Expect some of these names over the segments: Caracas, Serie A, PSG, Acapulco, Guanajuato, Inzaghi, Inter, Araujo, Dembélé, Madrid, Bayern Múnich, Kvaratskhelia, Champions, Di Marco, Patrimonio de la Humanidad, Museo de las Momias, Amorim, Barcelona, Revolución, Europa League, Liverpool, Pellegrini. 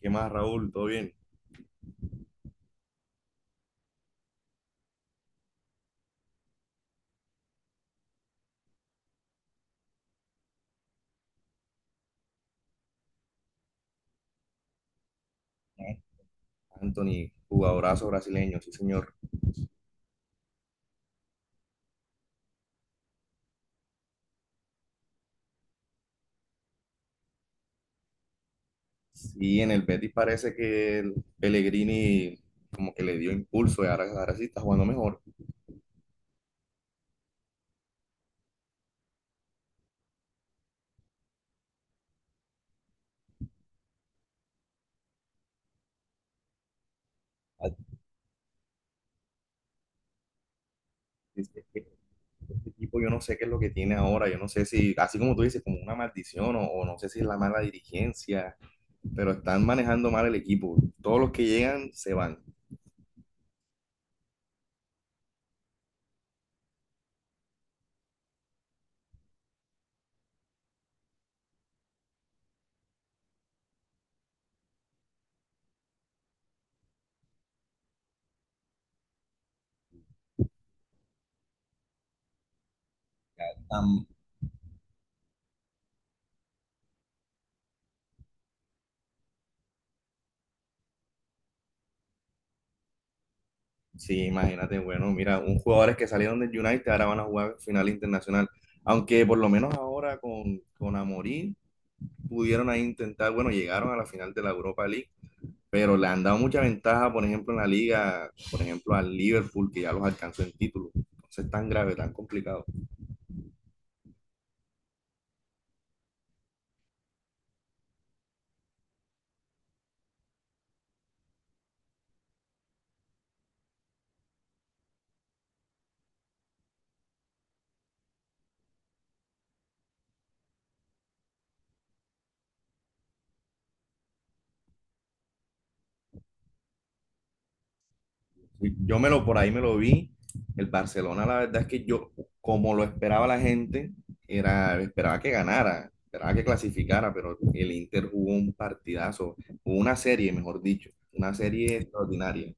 ¿Qué más, Raúl? ¿Todo bien? Eh, Anthony, jugadorazo brasileño, sí, señor. Sí, en el Betis parece que el Pellegrini como que le dio impulso y ahora, ahora sí está jugando mejor. Es que Este equipo yo no sé qué es lo que tiene ahora, yo no sé si, así como tú dices, como una maldición o no sé si es la mala dirigencia, pero están manejando mal el equipo. Todos los que llegan se van. Sí, imagínate, bueno, mira, un jugadores que salieron del United ahora van a jugar final internacional. Aunque por lo menos ahora con Amorim pudieron ahí intentar, bueno, llegaron a la final de la Europa League, pero le han dado mucha ventaja, por ejemplo, en la liga, por ejemplo, al Liverpool, que ya los alcanzó en título. Entonces, tan grave, tan complicado. Yo me lo vi. El Barcelona, la verdad es que yo, como lo esperaba la gente, era, esperaba que ganara, esperaba que clasificara, pero el Inter jugó un partidazo, jugó una serie, mejor dicho, una serie extraordinaria.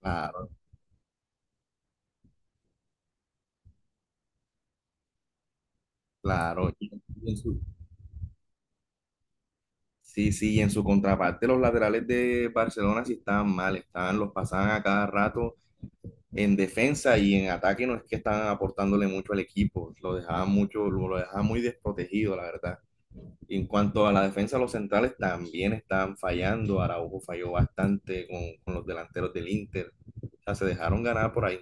Claro, claro. En su- sí, sí, y en su contraparte, los laterales de Barcelona sí estaban mal, estaban, los pasaban a cada rato en defensa y en ataque no es que estaban aportándole mucho al equipo, lo dejaban mucho, lo dejaban muy desprotegido, la verdad. En cuanto a la defensa, los centrales también están fallando. Araujo falló bastante con los delanteros del Inter. O sea, se dejaron ganar por ahí.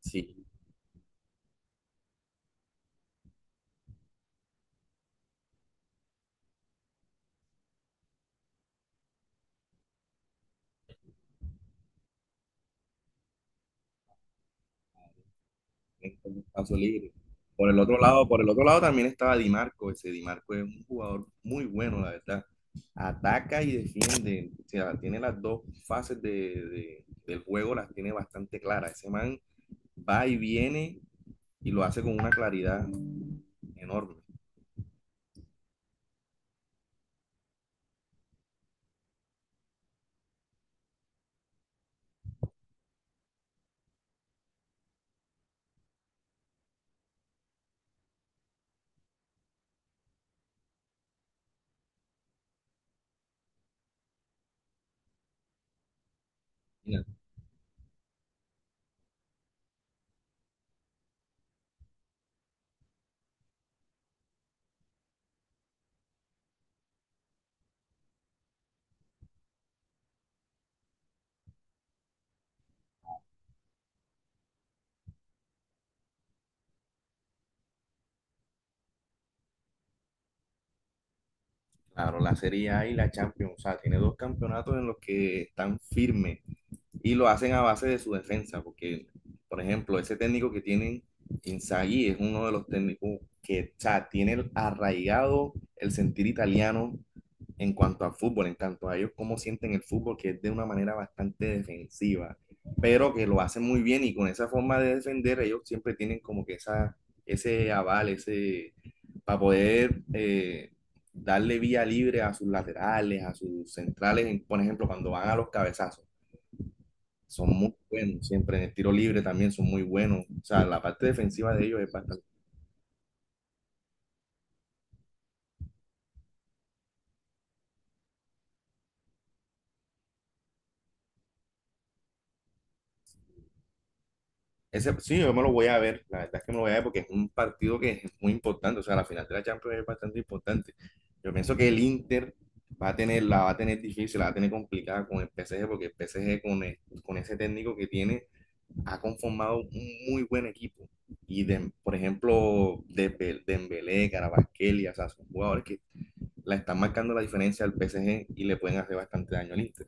Sí, en un espacio libre. Por el otro lado, por el otro lado también estaba Di Marco. Ese Di Marco es un jugador muy bueno, la verdad. Ataca y defiende. O sea, tiene las dos fases del juego, las tiene bastante claras. Ese man va y viene y lo hace con una claridad enorme. Mira, claro, la Serie A y la Champions, o sea, tiene dos campeonatos en los que están firmes y lo hacen a base de su defensa, porque, por ejemplo, ese técnico que tienen Inzaghi es uno de los técnicos que o sea, tiene arraigado el sentir italiano en cuanto al fútbol, en cuanto a ellos cómo sienten el fútbol, que es de una manera bastante defensiva, pero que lo hacen muy bien y con esa forma de defender ellos siempre tienen como que esa, ese aval, ese, para poder darle vía libre a sus laterales, a sus centrales, por ejemplo, cuando van a los cabezazos. Son muy buenos siempre. En el tiro libre también son muy buenos. O sea, la parte defensiva de ellos es bastante. Ese, sí, yo me lo voy a ver. La verdad es que me lo voy a ver porque es un partido que es muy importante. O sea, la final de la Champions es bastante importante. Yo pienso que el Inter va a tener, la va a tener difícil, la va a tener complicada con el PSG porque el PSG con ese técnico que tiene ha conformado un muy buen equipo. Y de, por ejemplo, Dembélé, Kvaratskhelia, o sea, son jugadores que la están marcando la diferencia al PSG y le pueden hacer bastante daño al Inter.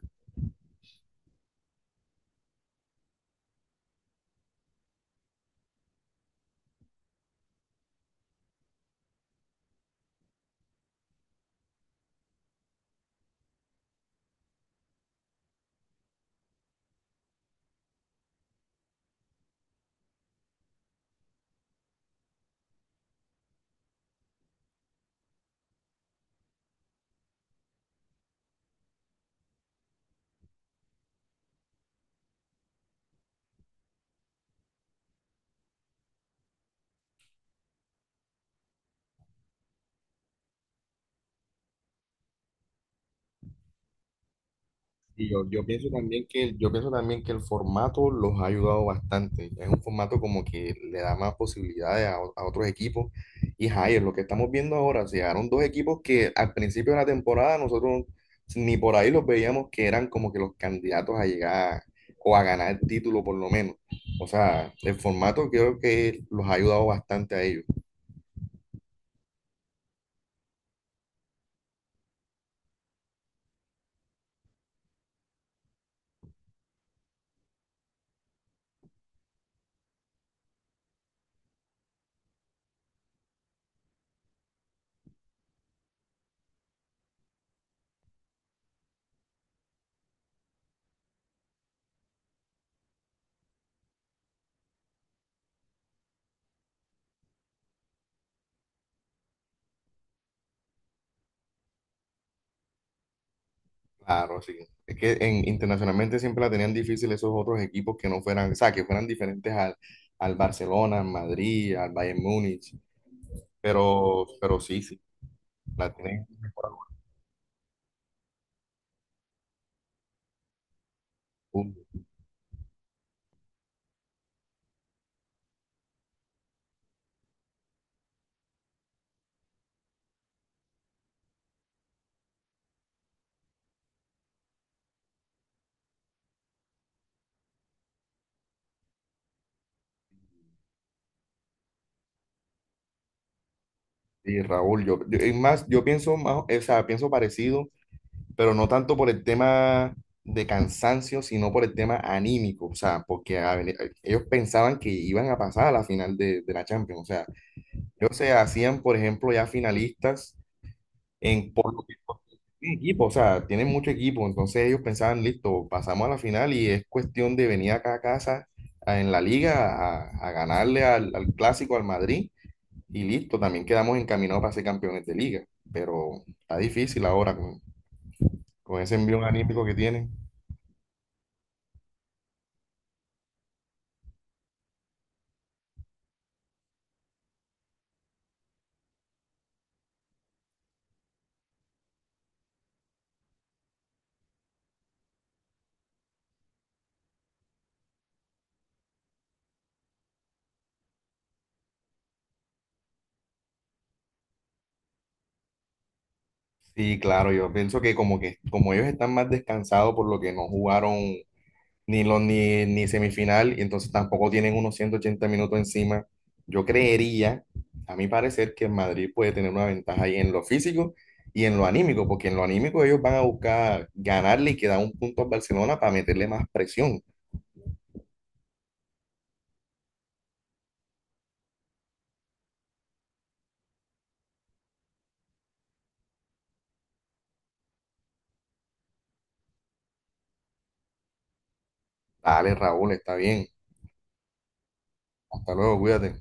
Yo pienso también que, yo pienso también que el formato los ha ayudado bastante. Es un formato como que le da más posibilidades a otros equipos. Y Jair, lo que estamos viendo ahora, se llegaron dos equipos que al principio de la temporada nosotros ni por ahí los veíamos que eran como que los candidatos a llegar o a ganar el título por lo menos. O sea, el formato creo que los ha ayudado bastante a ellos. Claro, sí. Es que en, internacionalmente siempre la tenían difícil esos otros equipos que no fueran, o sea, que fueran diferentes al, al Barcelona, al Madrid, al Bayern Múnich, pero sí, sí, la tienen mejorada. Sí, Raúl, es más, yo pienso más, o sea, pienso parecido, pero no tanto por el tema de cansancio, sino por el tema anímico, o sea, porque a ver, ellos pensaban que iban a pasar a la final de la Champions, o sea, ellos se hacían, por ejemplo, ya finalistas en por tiene equipo, o sea, tienen mucho equipo, entonces ellos pensaban, listo, pasamos a la final y es cuestión de venir acá a casa a- en la liga a ganarle al, al clásico, al Madrid, y listo, también quedamos encaminados para ser campeones de liga, pero está difícil ahora con ese envío anímico que tienen. Sí, claro, yo pienso que como ellos están más descansados por lo que no jugaron ni, los, ni, ni semifinal, y entonces tampoco tienen unos 180 minutos encima. Yo creería, a mi parecer, que el Madrid puede tener una ventaja ahí en lo físico y en lo anímico, porque en lo anímico ellos van a buscar ganarle y quedar un punto a Barcelona para meterle más presión. Dale, Raúl, está bien. Hasta luego, cuídate.